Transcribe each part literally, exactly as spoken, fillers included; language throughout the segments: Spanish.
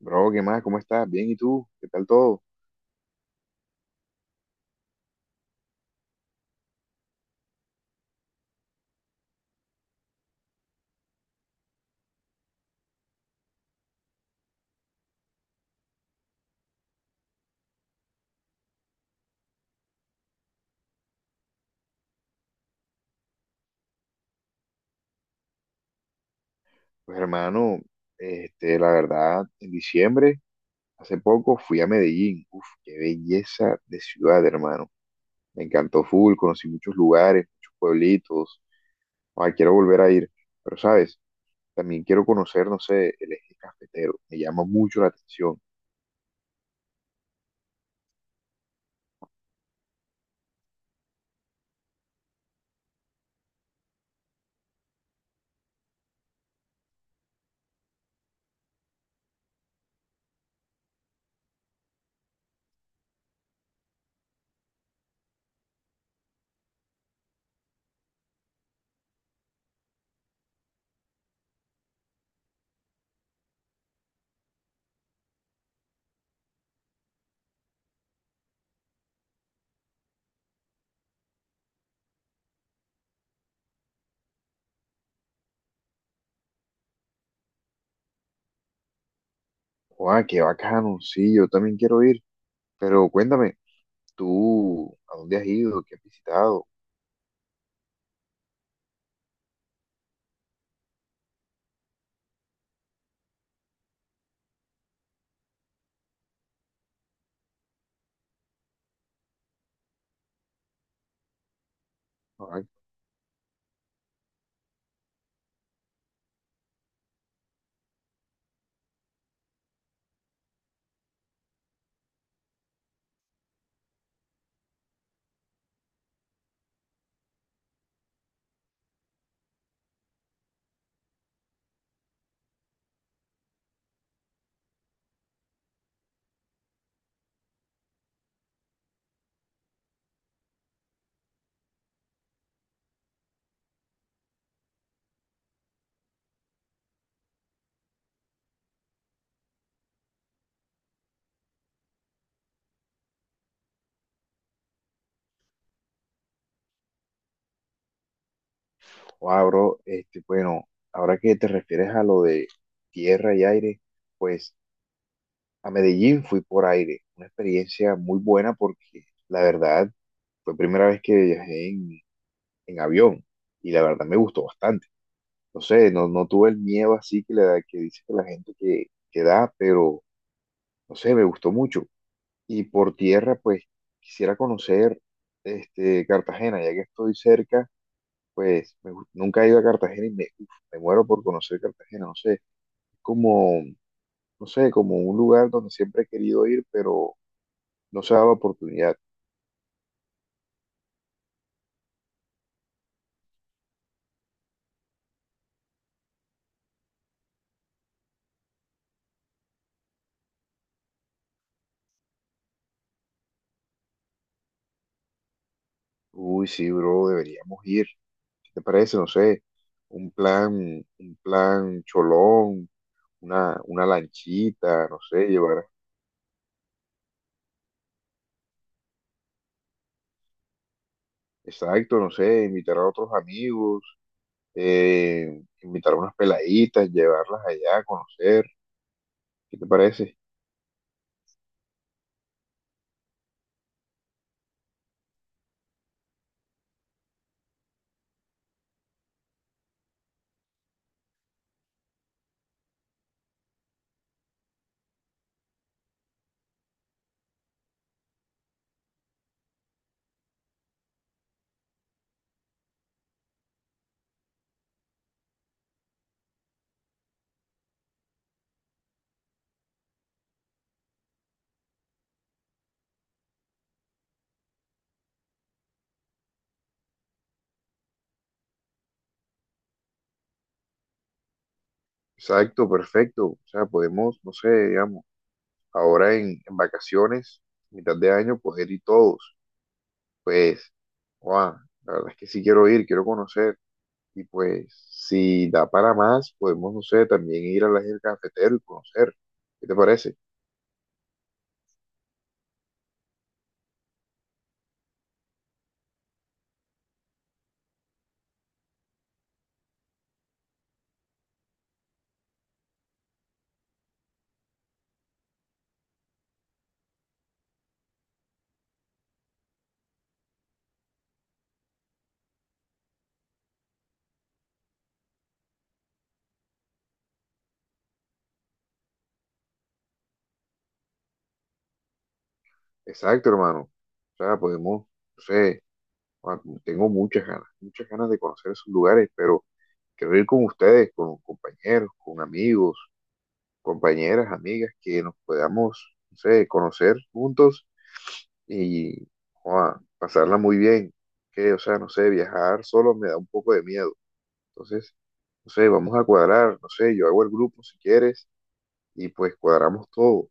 Bro, ¿qué más? ¿Cómo estás? Bien, ¿y tú? ¿Qué tal todo? Pues hermano, este, la verdad, en diciembre, hace poco fui a Medellín. Uf, qué belleza de ciudad, hermano. Me encantó full, conocí muchos lugares, muchos pueblitos. Ay, quiero volver a ir. Pero, ¿sabes? También quiero conocer, no sé, el eje cafetero. Me llama mucho la atención. Guau, qué bacano. Sí, yo también quiero ir. Pero cuéntame, ¿tú a dónde has ido? ¿Qué has visitado? Ah, wow, bro, este, bueno, ahora que te refieres a lo de tierra y aire, pues a Medellín fui por aire, una experiencia muy buena porque la verdad fue primera vez que viajé en, en avión y la verdad me gustó bastante. No sé, no, no tuve el miedo así que, le da, que dice que la gente que, que da, pero no sé, me gustó mucho. Y por tierra, pues quisiera conocer este, Cartagena, ya que estoy cerca. Pues me gu- nunca he ido a Cartagena y me, uf, me muero por conocer Cartagena, no sé, como, no sé, como un lugar donde siempre he querido ir, pero no se da la oportunidad. Uy, sí, bro, deberíamos ir. ¿Qué te parece? No sé, un plan, un plan cholón, una, una lanchita, no sé, llevar, exacto, no sé, invitar a otros amigos, eh, invitar a unas peladitas, llevarlas allá a conocer. ¿Qué te parece? Exacto, perfecto. O sea, podemos, no sé, digamos, ahora en, en vacaciones, mitad de año, poder ir todos. Pues, wow, la verdad es que sí quiero ir, quiero conocer. Y pues, si da para más, podemos, no sé, también ir a la del cafetero y conocer. ¿Qué te parece? Exacto, hermano. O sea, podemos, no sé, ah, tengo muchas ganas, muchas ganas de conocer esos lugares, pero quiero ir con ustedes, con compañeros, con amigos, compañeras, amigas, que nos podamos, no sé, conocer juntos y joa, pasarla muy bien. Que, o sea, no sé, viajar solo me da un poco de miedo. Entonces, no sé, vamos a cuadrar, no sé, yo hago el grupo si quieres y pues cuadramos todo.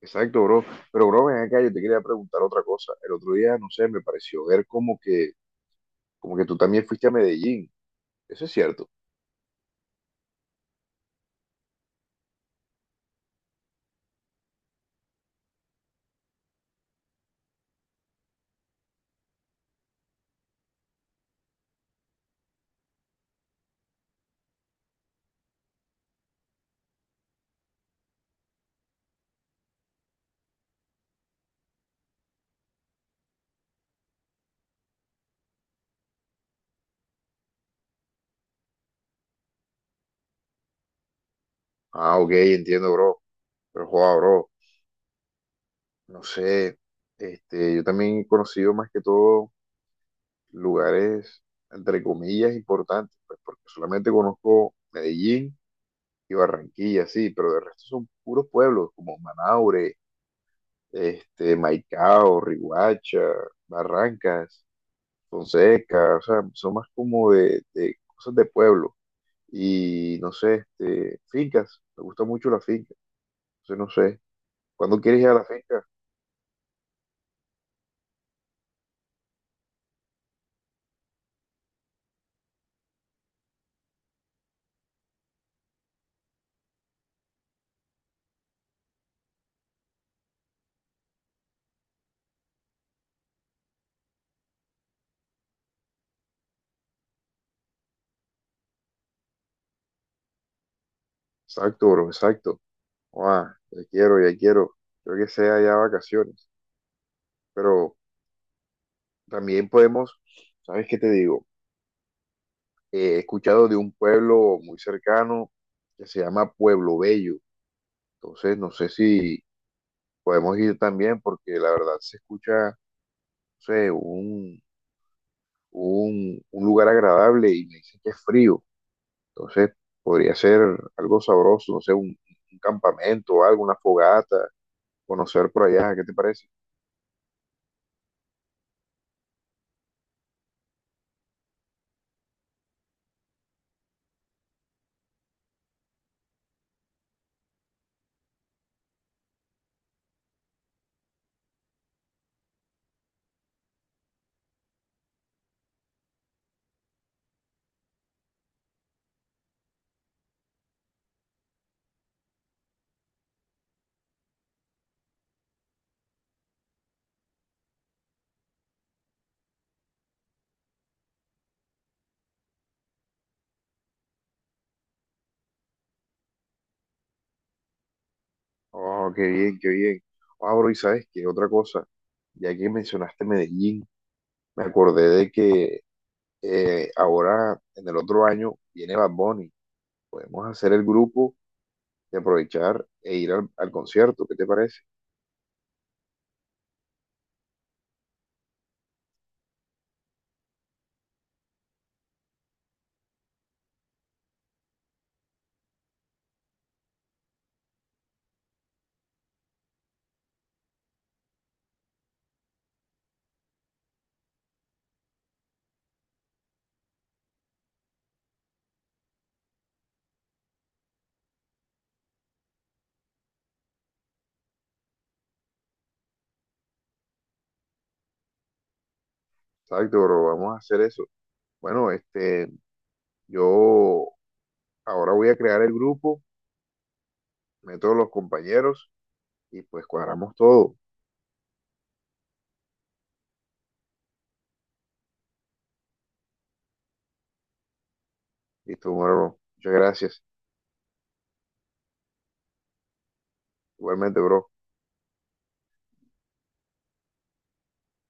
Exacto, bro. Pero, bro, ven acá, yo te quería preguntar otra cosa. El otro día, no sé, me pareció ver como que, como que tú también fuiste a Medellín. Eso es cierto. Ah, ok, entiendo, bro. Pero, joa, bro, no sé, este, yo también he conocido más que todo lugares, entre comillas, importantes, pues porque solamente conozco Medellín y Barranquilla, sí, pero de resto son puros pueblos como Manaure, este, Maicao, Riguacha, Barrancas, Fonseca, o sea, son más como de, de cosas de pueblo y no sé, este, fincas, me gusta mucho la finca, entonces no sé, ¿cuándo quieres ir a la finca? Exacto, bro, exacto, ah, ya quiero, ya quiero, creo que sea ya vacaciones, pero también podemos, ¿sabes qué te digo? Eh, he escuchado de un pueblo muy cercano que se llama Pueblo Bello. Entonces, no sé si podemos ir también porque la verdad se escucha, no sé, un, un, un lugar agradable y me dicen que es frío. Entonces, podría ser algo sabroso, no sé, un, un campamento o algo, una fogata, conocer por allá, ¿qué te parece? Oh, qué bien, qué bien. Ah, bro, y sabes qué, otra cosa, ya que mencionaste Medellín, me acordé de que eh, ahora en el otro año viene Bad Bunny. Podemos hacer el grupo y aprovechar e ir al, al concierto. ¿Qué te parece? Exacto, bro. Vamos a hacer eso. Bueno, este, yo ahora voy a crear el grupo, meto a los compañeros y pues cuadramos todo. Listo, bro. Muchas gracias. Igualmente, bro.